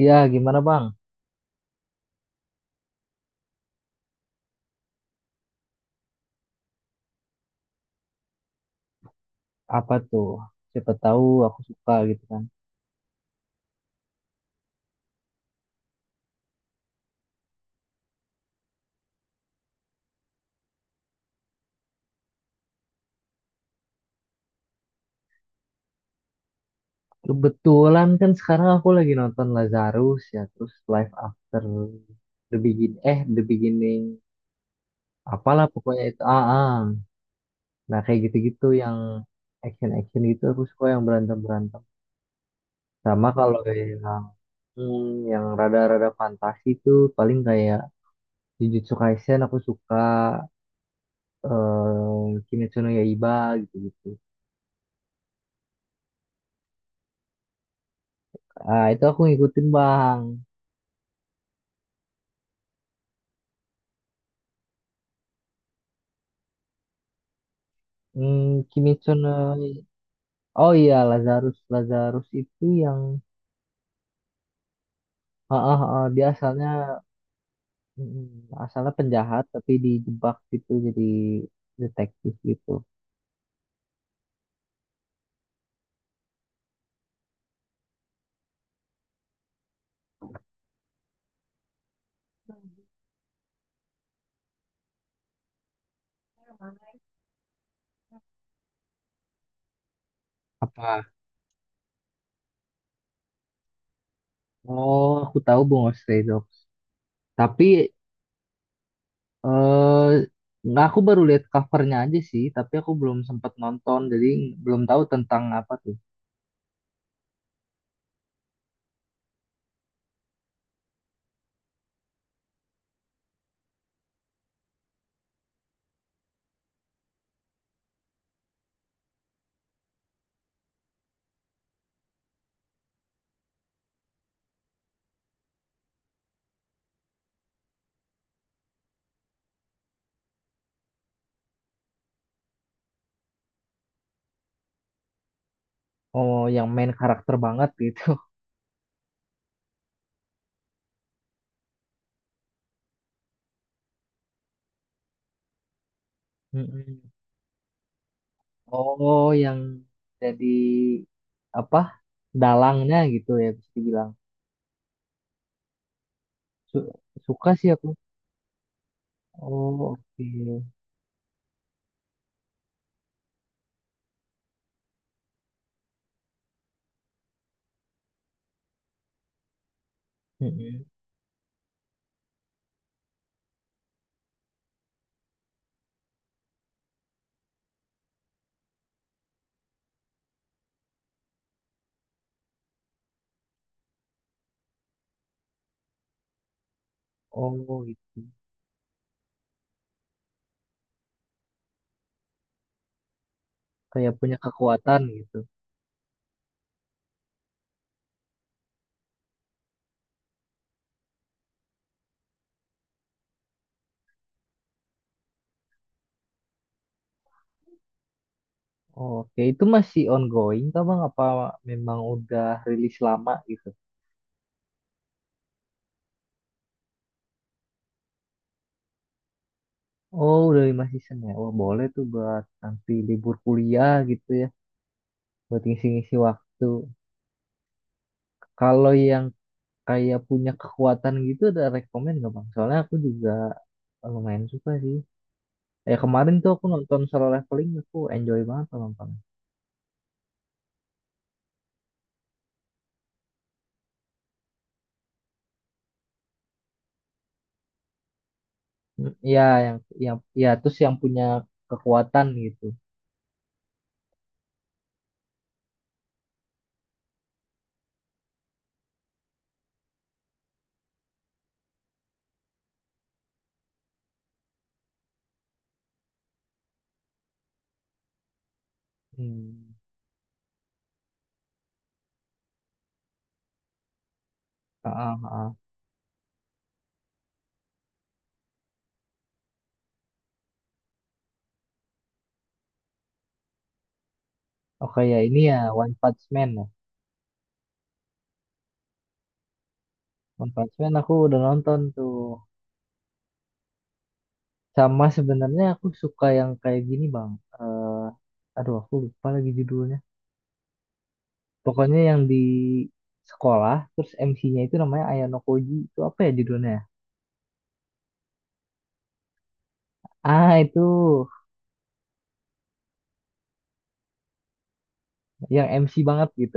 Iya, gimana Bang? Apa tuh? Siapa tahu aku suka gitu kan. Kebetulan kan sekarang aku lagi nonton Lazarus ya, terus Life After The Beginning. Apalah pokoknya itu. Ah, ah. Nah, kayak gitu-gitu yang action-action gitu aku suka yang berantem-berantem. Sama kalau yang hmm, yang rada-rada fantasi tuh paling kayak Jujutsu Kaisen aku suka Kimetsu no Yaiba gitu-gitu. Ah, itu aku ngikutin, Bang. Hmm, Kimetsu no... Oh iya, Lazarus. Lazarus itu yang... dia asalnya... asalnya penjahat, tapi dijebak gitu jadi detektif gitu. Apa? Oh, aku tahu Bungo Stray Dogs. Tapi... eh nggak, aku baru lihat covernya aja sih. Tapi aku belum sempat nonton. Jadi belum tahu tentang apa tuh. Oh, yang main karakter banget gitu. Mm-mm. Oh, yang jadi apa dalangnya gitu ya bisa dibilang. Su- suka sih aku. Oh, oke. Mm-mm. Oh, gitu. Kayak punya kekuatan gitu. Oh, oke, itu masih ongoing kah Bang? Apa memang udah rilis lama gitu? Oh, udah lima season ya. Wah, boleh tuh buat nanti libur kuliah gitu ya. Buat ngisi-ngisi waktu. Kalau yang kayak punya kekuatan gitu ada rekomen nggak Bang? Soalnya aku juga lumayan suka sih. Ya kemarin tuh aku nonton solo leveling aku enjoy banget tuh nonton. Hmm, iya, yang yang ya terus yang punya kekuatan gitu. Hmm. Ah, ah, ah. Oke ya ini ya, One Punch Man ya. One Punch Man aku udah nonton tuh, sama sebenarnya aku suka yang kayak gini bang. Eh aduh aku lupa lagi judulnya, pokoknya yang di sekolah terus MC-nya itu namanya Ayano Koji, itu apa ya judulnya ya? Ah itu, yang MC banget gitu.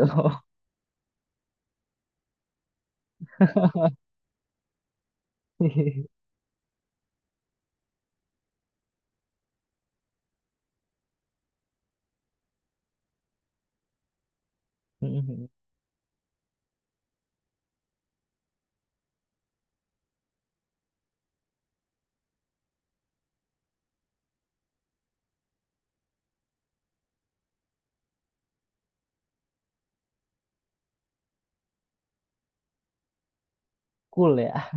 Cool ya.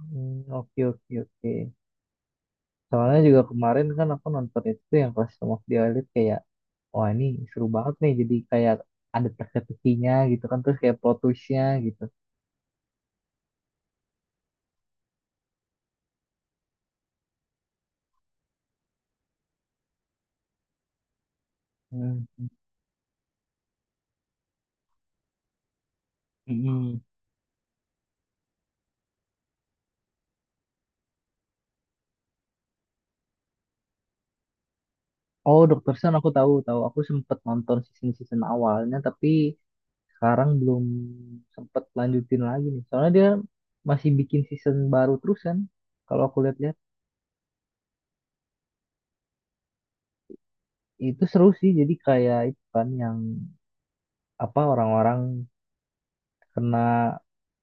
Hmm, oke oke oke. Soalnya juga kemarin kan aku nonton itu yang kelas Some of the Elite, kayak wah ini seru banget nih, jadi kayak ada teka-tekinya gitu kan terus kayak plot twist-nya gitu. Hmm. Mm-mm. Oh, Dr. Stone aku tahu tahu, aku sempet nonton season-season awalnya tapi sekarang belum sempet lanjutin lagi nih. Soalnya dia masih bikin season baru terus kan. Kalau aku lihat-lihat itu seru sih, jadi kayak itu kan yang apa, orang-orang kena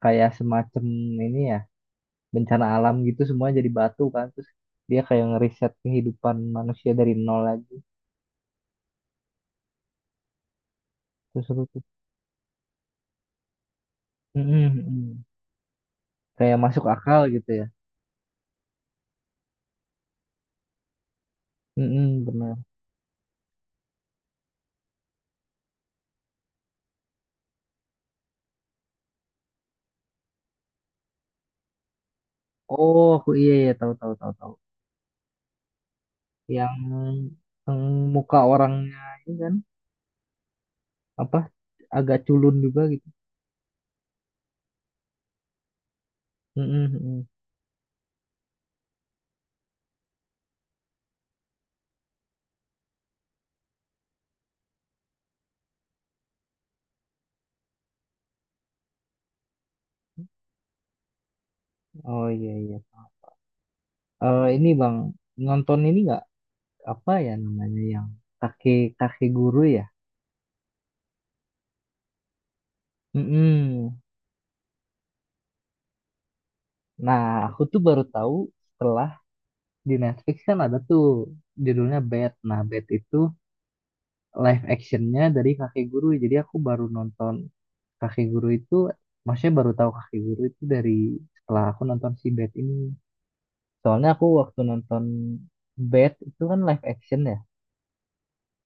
kayak semacam ini ya, bencana alam gitu, semuanya jadi batu kan, terus dia kayak ngeriset kehidupan manusia dari nol lagi, terus seru tuh. Mm-mm, mm-mm. Kayak masuk akal gitu ya. Mm-mm, benar. Oh aku iya iya, tahu tahu tahu tahu, yang, yang muka orangnya ini kan apa agak culun juga gitu. Mm-mm, mm-mm. Oh iya iya. Ini bang, nonton ini nggak, apa ya namanya, yang kakek kakek guru ya. Mm-mm. Nah, aku tuh baru tahu setelah di Netflix kan ada tuh judulnya Bad. Nah, Bad itu live actionnya dari Kakek Guru. Jadi aku baru nonton Kakek Guru itu, maksudnya baru tahu Kakek Guru itu dari setelah aku nonton si Bad ini. Soalnya aku waktu nonton Bad itu kan live action ya,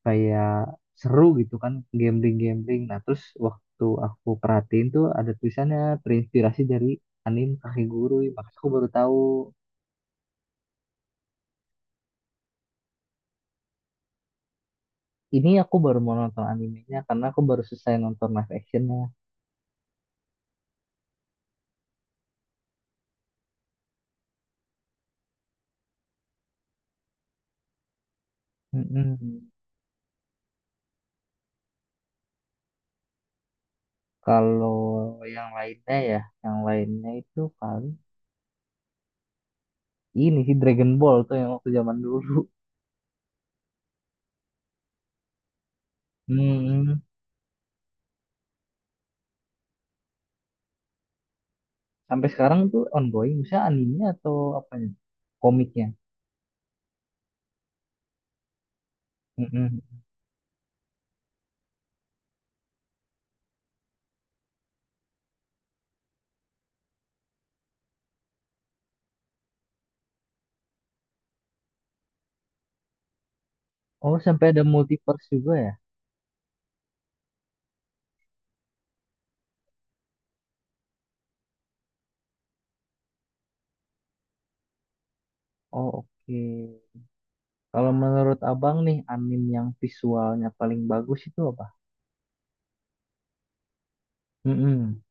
kayak seru gitu kan, gambling-gambling. Nah, terus waktu aku perhatiin tuh ada tulisannya terinspirasi dari anime Kakek Guru. Makanya aku baru tahu. Ini aku baru mau nonton animenya karena aku baru selesai nonton live actionnya. Mm-mm. Kalau yang lainnya ya, yang lainnya itu paling ini sih Dragon Ball tuh yang waktu zaman dulu. Mm-mm. Sampai sekarang tuh ongoing, misalnya animenya atau apanya? Komiknya. Mm-mm. Oh, sampai ada multiverse juga ya? Oh, oke. Kalau menurut abang nih, anime yang visualnya paling bagus itu apa? Mm-mm.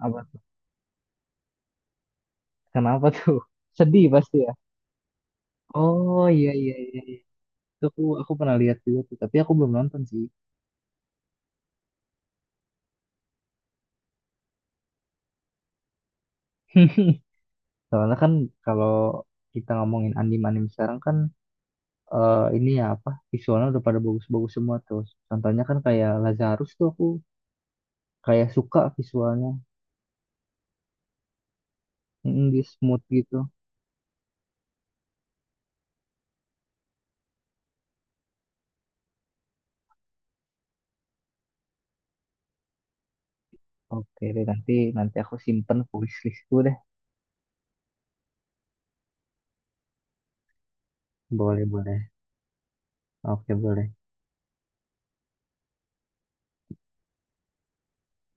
Apa tuh? Kenapa tuh? Sedih pasti ya? Oh, iya, iya, iya. Itu aku pernah lihat juga tuh, tapi aku belum nonton sih. Soalnya kan kalau kita ngomongin anime-anime sekarang kan ini ya apa, visualnya udah pada bagus-bagus semua tuh. Contohnya kan kayak Lazarus tuh aku kayak suka visualnya. Mm, di smooth gitu. Oke deh, nanti nanti aku simpen wish listku deh. Boleh boleh. Oke boleh.